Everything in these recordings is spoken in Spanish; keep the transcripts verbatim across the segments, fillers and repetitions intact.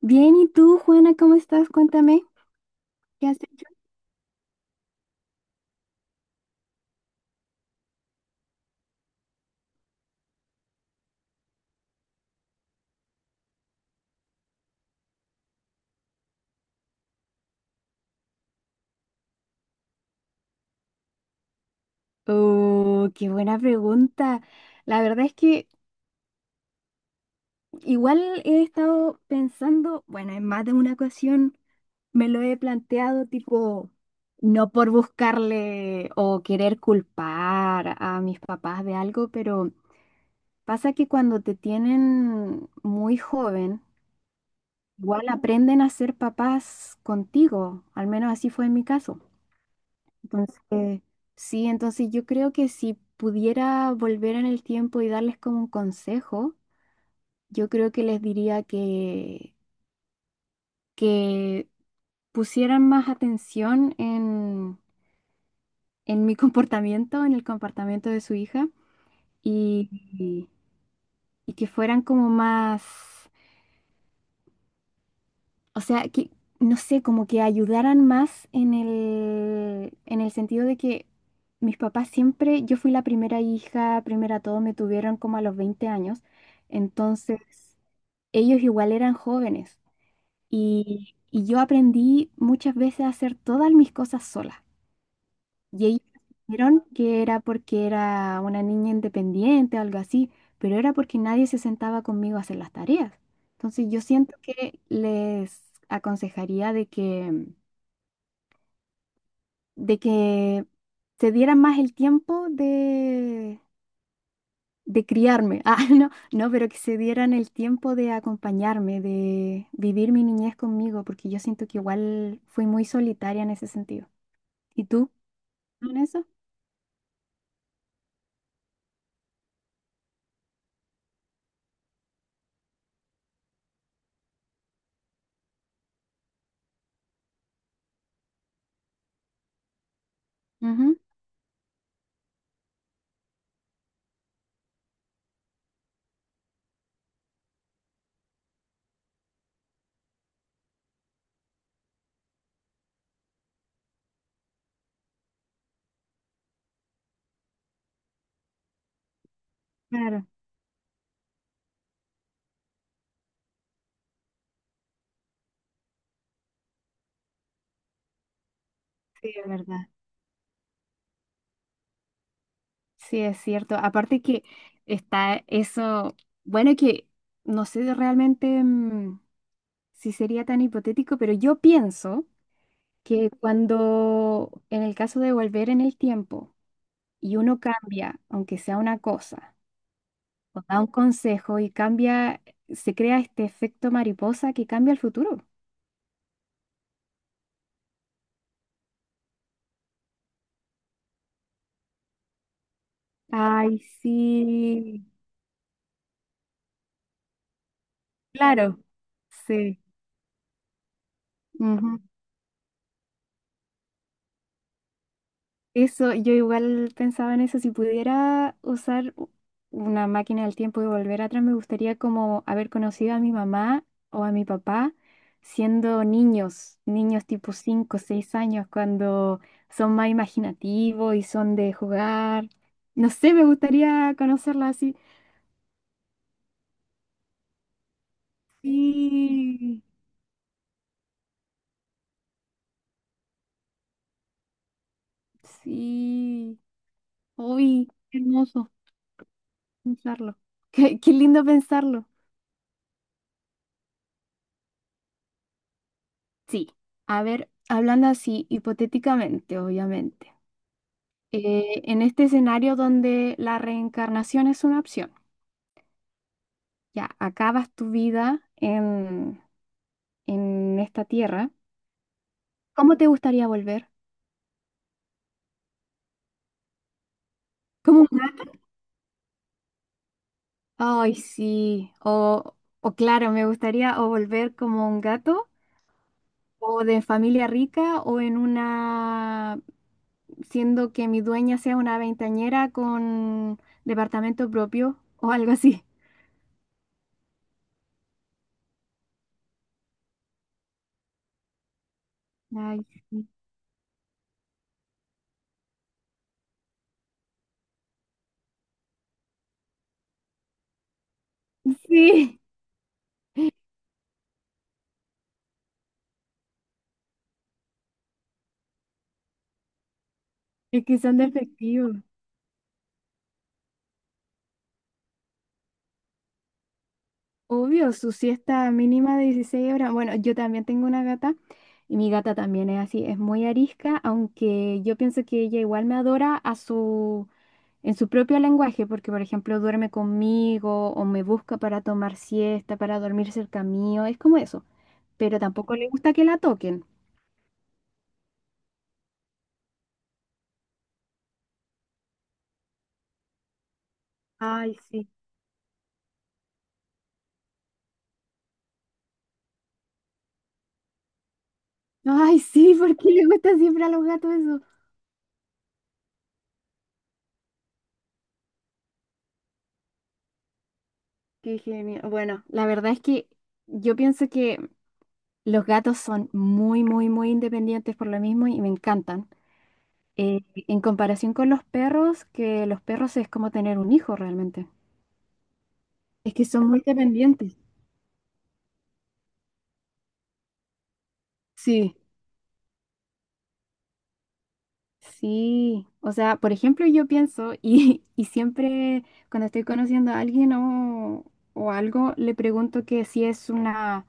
Bien, ¿y tú, Juana, cómo estás? Cuéntame, ¿qué has hecho? Oh, qué buena pregunta. La verdad es que igual he estado pensando, bueno, en más de una ocasión me lo he planteado, tipo, no por buscarle o querer culpar a mis papás de algo, pero pasa que cuando te tienen muy joven, igual aprenden a ser papás contigo, al menos así fue en mi caso. Entonces, eh, sí, entonces yo creo que si pudiera volver en el tiempo y darles como un consejo, yo creo que les diría que, que pusieran más atención en, en mi comportamiento, en el comportamiento de su hija, y, y- y que fueran como más. O sea, que, no sé, como que ayudaran más en el, en el sentido de que mis papás siempre, yo fui la primera hija, primera todo, me tuvieron como a los veinte años, entonces ellos igual eran jóvenes y, y yo aprendí muchas veces a hacer todas mis cosas sola. Y ellos dijeron que era porque era una niña independiente o algo así, pero era porque nadie se sentaba conmigo a hacer las tareas. Entonces yo siento que les aconsejaría de que, de que se dieran más el tiempo de, de criarme. Ah, no, no, pero que se dieran el tiempo de acompañarme, de vivir mi niñez conmigo, porque yo siento que igual fui muy solitaria en ese sentido. ¿Y tú? ¿En eso? Ujú. Claro, sí, es verdad. Sí, es cierto. Aparte que está eso, bueno, que no sé realmente mm, si sería tan hipotético, pero yo pienso que cuando, en el caso de volver en el tiempo y uno cambia, aunque sea una cosa, o da un consejo y cambia, se crea este efecto mariposa que cambia el futuro. Ay, sí, claro, sí. Ujú. Eso, yo igual pensaba en eso, si pudiera usar u- una máquina del tiempo y volver atrás, me gustaría como haber conocido a mi mamá o a mi papá siendo niños, niños tipo cinco, seis años, cuando son más imaginativos y son de jugar. No sé, me gustaría conocerla así. Sí, sí. Uy, qué hermoso pensarlo. Qué, qué lindo pensarlo. Sí, a ver, hablando así, hipotéticamente, obviamente, eh, en este escenario donde la reencarnación es una opción, ya acabas tu vida en, en esta tierra, ¿cómo te gustaría volver? ¿Como un gato? Ay, sí, o, o claro, me gustaría o volver como un gato, o de familia rica, o en una, siendo que mi dueña sea una veintañera con departamento propio, o algo así. Ay, sí. Sí, es que son de efectivo. Obvio, su siesta mínima de dieciséis horas. Bueno, yo también tengo una gata y mi gata también es así, es muy arisca, aunque yo pienso que ella igual me adora a su, en su propio lenguaje, porque por ejemplo duerme conmigo o me busca para tomar siesta, para dormir cerca mío, es como eso. Pero tampoco le gusta que la toquen. Ay, sí. Ay, sí, ¿porque le gusta siempre a los gatos eso? Qué genial. Bueno, la verdad es que yo pienso que los gatos son muy, muy, muy independientes por lo mismo y me encantan. Eh, en comparación con los perros, que los perros es como tener un hijo realmente. Es que son muy dependientes. Sí, sí. O sea, por ejemplo, yo pienso y, y siempre cuando estoy conociendo a alguien o, o algo, le pregunto que si es una,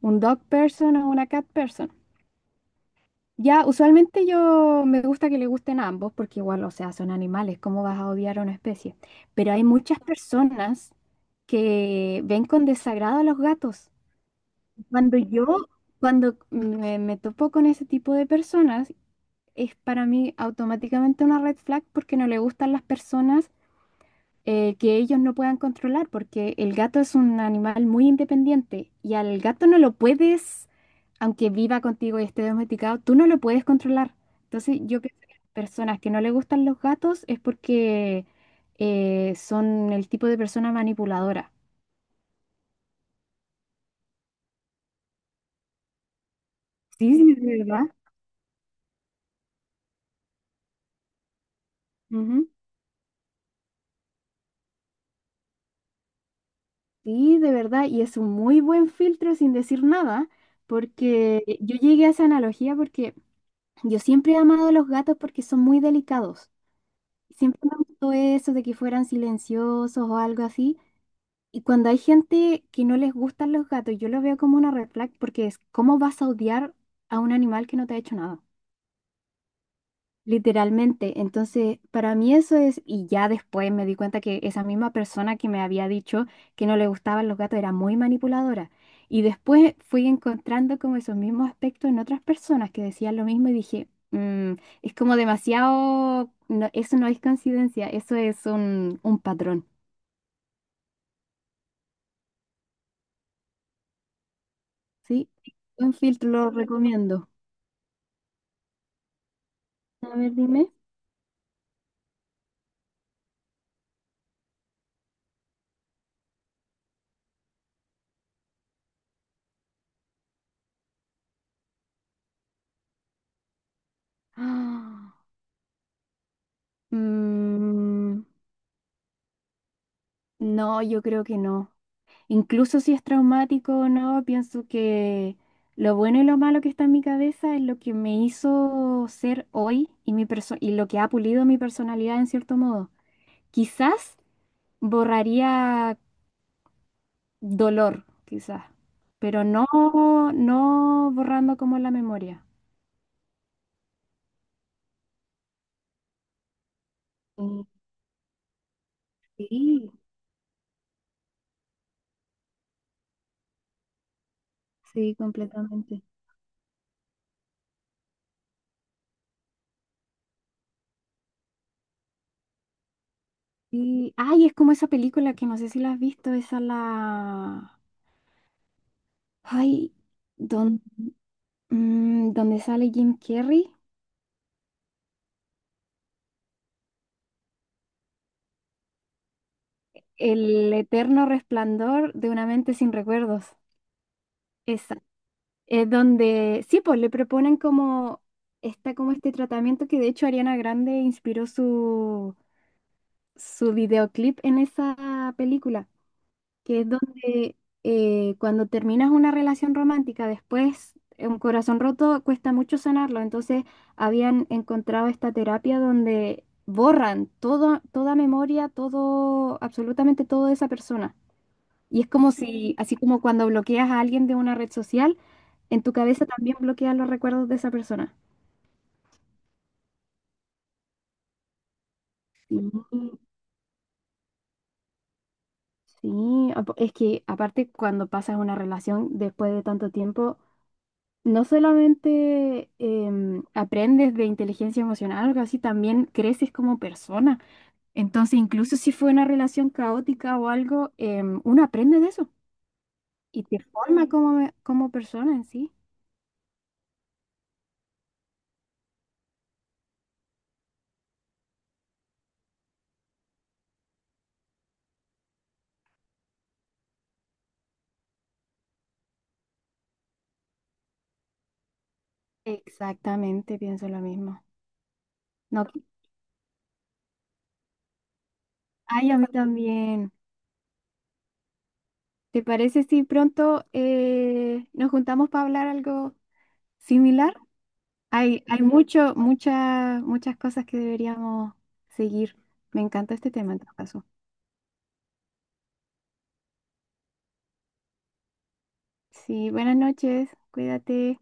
un dog person o una cat person. Ya, usualmente yo me gusta que le gusten a ambos porque igual, o sea, son animales, ¿cómo vas a odiar a una especie? Pero hay muchas personas que ven con desagrado a los gatos. Cuando yo, cuando me, me topo con ese tipo de personas, es para mí automáticamente una red flag porque no le gustan las personas eh, que ellos no puedan controlar, porque el gato es un animal muy independiente y al gato no lo puedes, aunque viva contigo y esté domesticado, tú no lo puedes controlar. Entonces, yo creo que las personas que no le gustan los gatos es porque eh, son el tipo de persona manipuladora. Sí, sí, de verdad. Ujú. Sí, de verdad, y es un muy buen filtro sin decir nada, porque yo llegué a esa analogía porque yo siempre he amado a los gatos porque son muy delicados. Siempre me gustó eso de que fueran silenciosos o algo así. Y cuando hay gente que no les gustan los gatos, yo lo veo como una red flag porque es, ¿cómo vas a odiar a un animal que no te ha hecho nada? Literalmente, entonces para mí eso es, y ya después me di cuenta que esa misma persona que me había dicho que no le gustaban los gatos era muy manipuladora. Y después fui encontrando como esos mismos aspectos en otras personas que decían lo mismo y dije, "Mm, es como demasiado, no, eso no es coincidencia, eso es un, un patrón, ¿sí?" Un filtro lo recomiendo. A ver, dime. Ah, mm, no, yo creo que no. Incluso si es traumático o no, pienso que lo bueno y lo malo que está en mi cabeza es lo que me hizo ser hoy y, mi perso- y lo que ha pulido mi personalidad en cierto modo. Quizás borraría dolor, quizás, pero no, no borrando como la memoria. Mm, sí, sí, completamente. Sí. Ay, es como esa película que no sé si la has visto, esa la... Ay, don- mm, donde sale Jim Carrey. El eterno resplandor de una mente sin recuerdos. Esa. Es donde, sí, pues le proponen como, está como este tratamiento que de hecho Ariana Grande inspiró su, su videoclip en esa película, que es donde eh, cuando terminas una relación romántica, después eh, un corazón roto cuesta mucho sanarlo, entonces habían encontrado esta terapia donde borran todo, toda memoria, todo, absolutamente todo de esa persona. Y es como si, así como cuando bloqueas a alguien de una red social, en tu cabeza también bloqueas los recuerdos de esa persona. Sí, sí, apo- es que aparte cuando pasas una relación después de tanto tiempo, no solamente em, aprendes de inteligencia emocional o algo así, también creces como persona. Entonces, incluso si fue una relación caótica o algo, em, uno aprende de eso y te forma como, como persona en sí. Exactamente, pienso lo mismo. No. Ay, a mí también. ¿Te parece si pronto eh, nos juntamos para hablar algo similar? Hay, hay mucho, muchas, muchas cosas que deberíamos seguir. Me encanta este tema en todo caso. Sí, buenas noches. Cuídate.